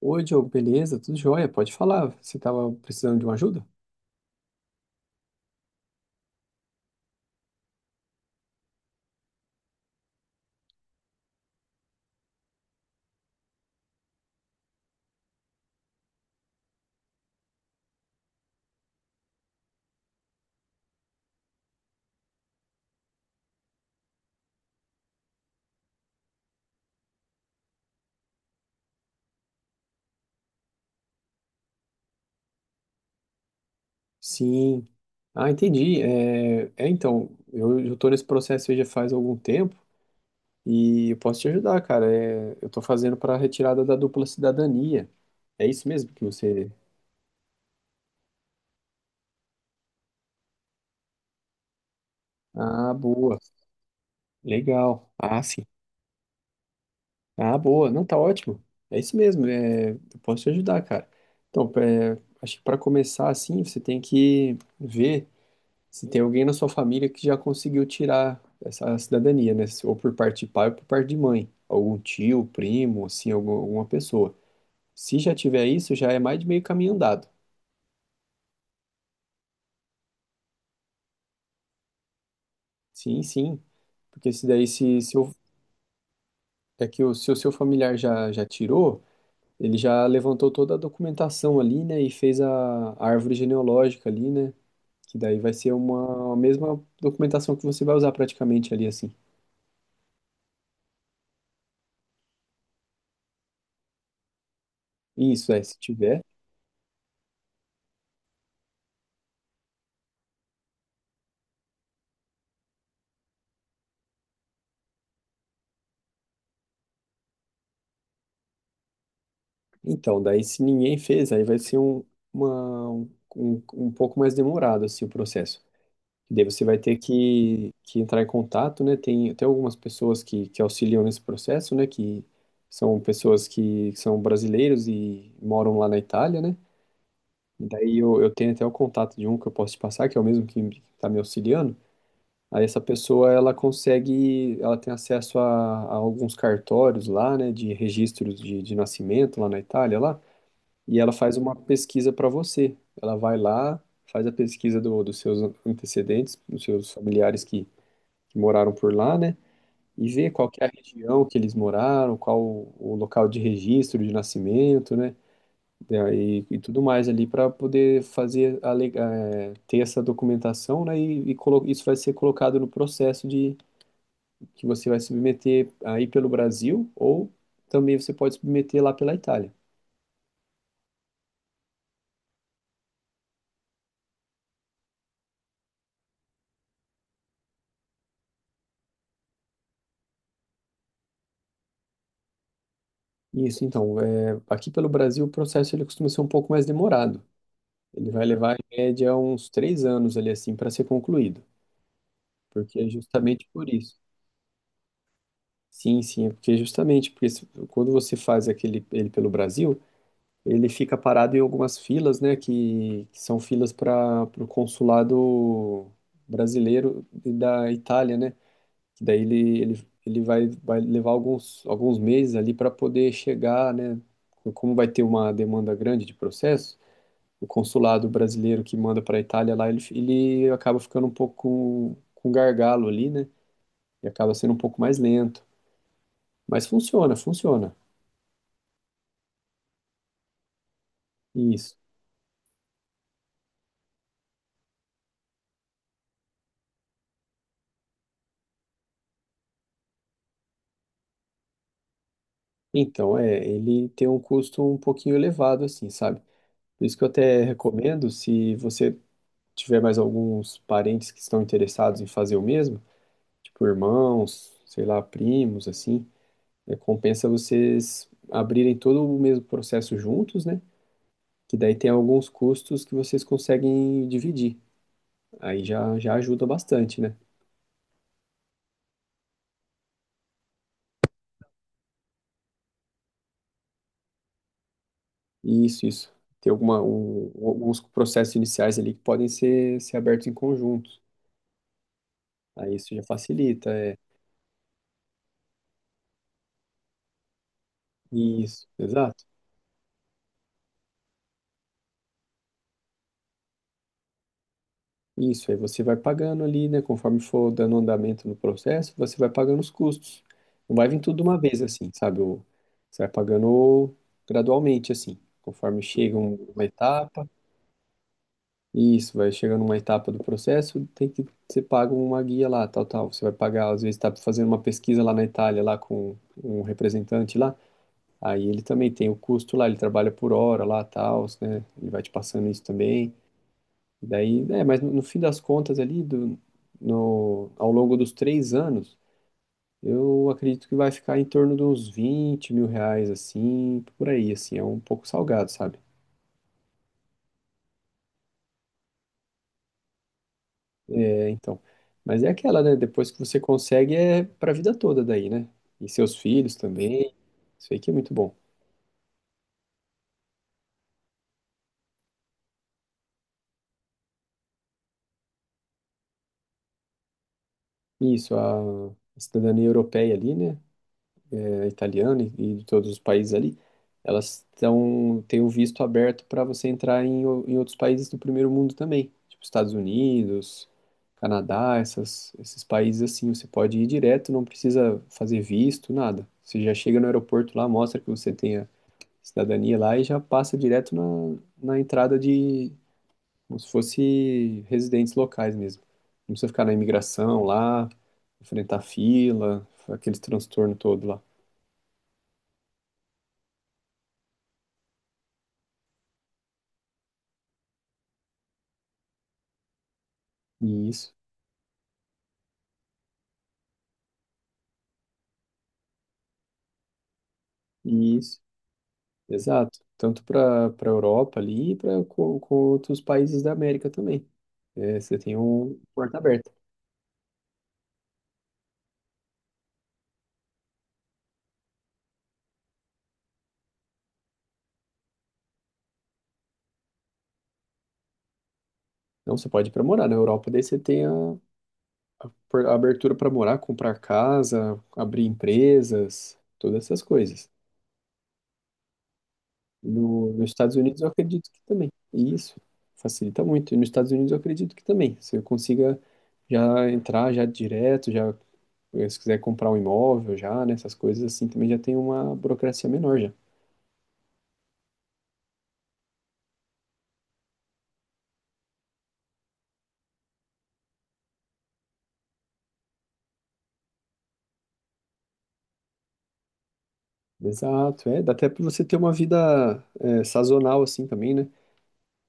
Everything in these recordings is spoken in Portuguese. Oi, Diogo, beleza? Tudo jóia? Pode falar. Você estava precisando de uma ajuda? Sim. Ah, entendi. Então, eu estou nesse processo aí já faz algum tempo e eu posso te ajudar, cara. É, eu estou fazendo para a retirada da dupla cidadania. É isso mesmo que você. Ah, boa. Legal. Ah, sim. Ah, boa. Não, tá ótimo. É isso mesmo. É, eu posso te ajudar, cara. Então, é, acho que para começar assim, você tem que ver se tem alguém na sua família que já conseguiu tirar essa cidadania, né? Ou por parte de pai ou por parte de mãe. Algum tio, primo, assim, alguma pessoa. Se já tiver isso, já é mais de meio caminho andado. Sim, sim. Porque se daí, se o- é que o, se o seu familiar já tirou, ele já levantou toda a documentação ali, né? E fez a árvore genealógica ali, né? Que daí vai ser uma a mesma documentação que você vai usar praticamente ali, assim. Isso, é, se tiver. Então, daí se ninguém fez, aí vai ser um, uma, um, um um pouco mais demorado assim, o processo. Daí você vai ter que entrar em contato, né? Tem até algumas pessoas que auxiliam nesse processo, né? Que são pessoas que são brasileiros e moram lá na Itália, né? E daí eu tenho até o contato de um que eu posso te passar, que é o mesmo que está me auxiliando. Aí essa pessoa, ela consegue, ela tem acesso a alguns cartórios lá, né? De registros de nascimento lá na Itália, lá e ela faz uma pesquisa para você. Ela vai lá, faz a pesquisa dos seus antecedentes, dos seus familiares que moraram por lá, né? E vê qual que é a região que eles moraram, qual o local de registro de nascimento, né? E tudo mais ali para poder fazer a, ter essa documentação, né? E isso vai ser colocado no processo de que você vai submeter aí pelo Brasil ou também você pode submeter lá pela Itália. Isso, então, é, aqui pelo Brasil o processo ele costuma ser um pouco mais demorado. Ele vai levar, em média, uns 3 anos ali assim para ser concluído, porque é justamente por isso. Sim, sim, é porque é justamente porque quando você faz aquele ele pelo Brasil, ele fica parado em algumas filas, né, que são filas para o consulado brasileiro e da Itália, né? Que daí ele vai levar alguns meses ali para poder chegar, né? Como vai ter uma demanda grande de processos o consulado brasileiro que manda para a Itália lá, ele acaba ficando um pouco com gargalo ali, né? E acaba sendo um pouco mais lento. Mas funciona, funciona. Isso. Então, é, ele tem um custo um pouquinho elevado, assim, sabe? Por isso que eu até recomendo, se você tiver mais alguns parentes que estão interessados em fazer o mesmo, tipo irmãos, sei lá, primos, assim, é, compensa vocês abrirem todo o mesmo processo juntos, né? Que daí tem alguns custos que vocês conseguem dividir. Aí já ajuda bastante, né? Isso, isso. Tem alguns processos iniciais ali que podem ser abertos em conjunto. Aí isso já facilita, é. Isso, exato. Isso, aí você vai pagando ali, né? Conforme for dando andamento no processo, você vai pagando os custos. Não vai vir tudo de uma vez, assim, sabe? Você vai pagando gradualmente, assim, conforme chega uma etapa. Isso, vai chegando uma etapa do processo, tem que você paga uma guia lá, tal, tal. Você vai pagar, às vezes está fazendo uma pesquisa lá na Itália, lá com um representante lá. Aí ele também tem o custo lá, ele trabalha por hora lá, tal, né? Ele vai te passando isso também. E daí, é, mas no fim das contas ali, do, no, ao longo dos 3 anos, eu acredito que vai ficar em torno de uns R$ 20.000, assim, por aí, assim, é um pouco salgado, sabe? É, então. Mas é aquela, né? Depois que você consegue, é pra vida toda daí, né? E seus filhos também. Isso aí que é muito bom. Isso, a cidadania europeia ali, né? É, italiana e de todos os países ali, elas tão têm o visto aberto para você entrar em outros países do primeiro mundo também. Tipo Estados Unidos, Canadá, essas, esses países assim. Você pode ir direto, não precisa fazer visto, nada. Você já chega no aeroporto lá, mostra que você tem cidadania lá e já passa direto na entrada de, como se fosse residentes locais mesmo. Não precisa ficar na imigração lá, enfrentar fila, aquele transtorno todo lá. Isso, isso, exato. Tanto para Europa ali e para com outros países da América também. É, você tem um porta aberta. Não, você pode ir para morar na Europa, daí você tem a abertura para morar, comprar casa, abrir empresas, todas essas coisas. No, Nos Estados Unidos eu acredito que também. E isso facilita muito. E nos Estados Unidos eu acredito que também. Você consiga já entrar já direto, já se quiser comprar um imóvel já, né, essas coisas assim, também já tem uma burocracia menor já. Exato, é, dá até para você ter uma vida é, sazonal assim também, né?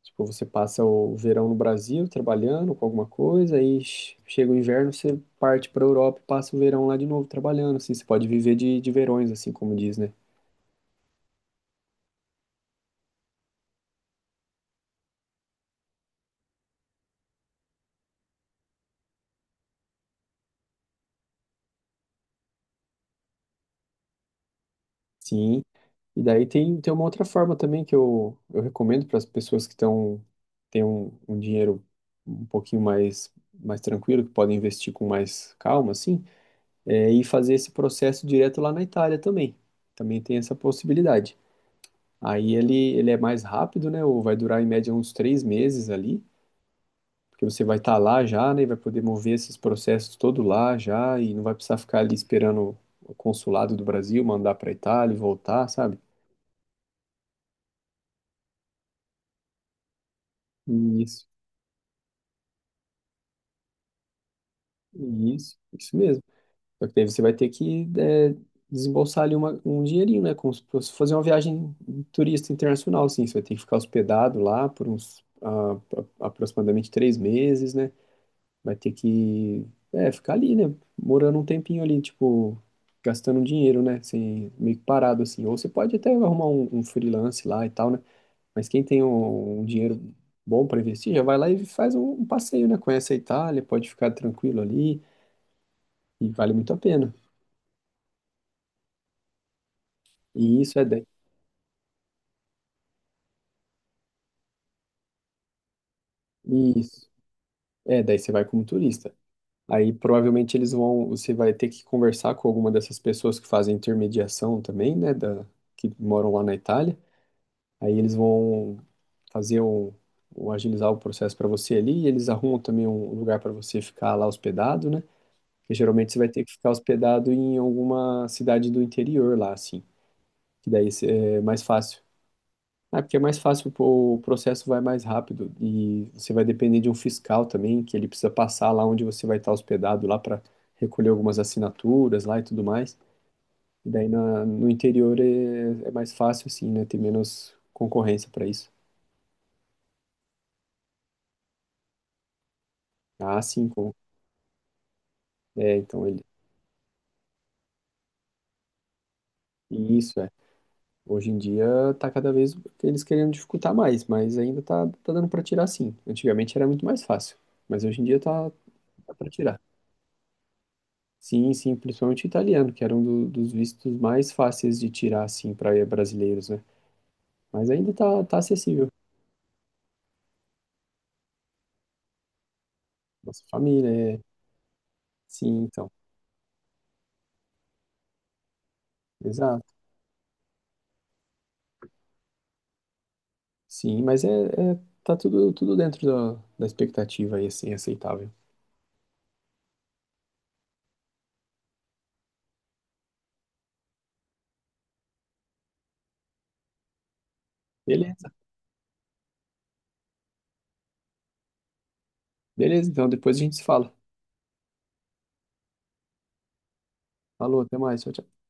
Tipo, você passa o verão no Brasil trabalhando com alguma coisa, aí chega o inverno, você parte para Europa e passa o verão lá de novo trabalhando, assim, você pode viver de verões, assim como diz, né? Sim, e daí tem, tem uma outra forma também que eu recomendo para as pessoas que estão têm um dinheiro um pouquinho mais, mais tranquilo, que podem investir com mais calma, assim, é ir fazer esse processo direto lá na Itália também. Também tem essa possibilidade. Aí ele é mais rápido, né? Ou vai durar em média uns 3 meses ali, porque você vai estar lá já, né? E vai poder mover esses processos todo lá já, e não vai precisar ficar ali esperando o consulado do Brasil mandar para a Itália e voltar, sabe? E isso mesmo. Só que daí você vai ter que é, desembolsar ali um dinheirinho, né? Como se fosse fazer uma viagem turista internacional, assim. Você vai ter que ficar hospedado lá por uns aproximadamente 3 meses, né? Vai ter que é, ficar ali, né? Morando um tempinho ali, tipo, gastando um dinheiro, né? Assim, meio que parado, assim. Ou você pode até arrumar um freelance lá e tal, né? Mas quem tem um dinheiro bom para investir, já vai lá e faz um passeio, né? Conhece a Itália, pode ficar tranquilo ali e vale muito a pena. E isso é daí. Isso. É, daí você vai como turista. Aí provavelmente eles vão, você vai ter que conversar com alguma dessas pessoas que fazem intermediação também, né, da, que moram lá na Itália. Aí eles vão fazer o agilizar o processo para você ali, e eles arrumam também um lugar para você ficar lá hospedado, né? Porque geralmente você vai ter que ficar hospedado em alguma cidade do interior lá, assim, que daí é mais fácil. É porque é mais fácil, pô, o processo vai mais rápido e você vai depender de um fiscal também, que ele precisa passar lá onde você vai estar hospedado lá para recolher algumas assinaturas lá e tudo mais. E daí no interior é, é mais fácil assim, né? Tem menos concorrência para isso. Ah, sim, com... é, então ele. Isso é. Hoje em dia tá cada vez eles querendo dificultar mais, mas ainda tá, tá dando para tirar sim. Antigamente era muito mais fácil, mas hoje em dia tá, tá para tirar. Sim, sim, principalmente o italiano, que era um dos vistos mais fáceis de tirar, assim, para brasileiros, né? Mas ainda tá, tá acessível. Nossa família, é... Sim, então. Exato. Sim, mas tá tudo, tudo dentro da expectativa aí, assim, aceitável. Beleza. Beleza, então depois a gente se fala. Falou, até mais. Tchau, tchau.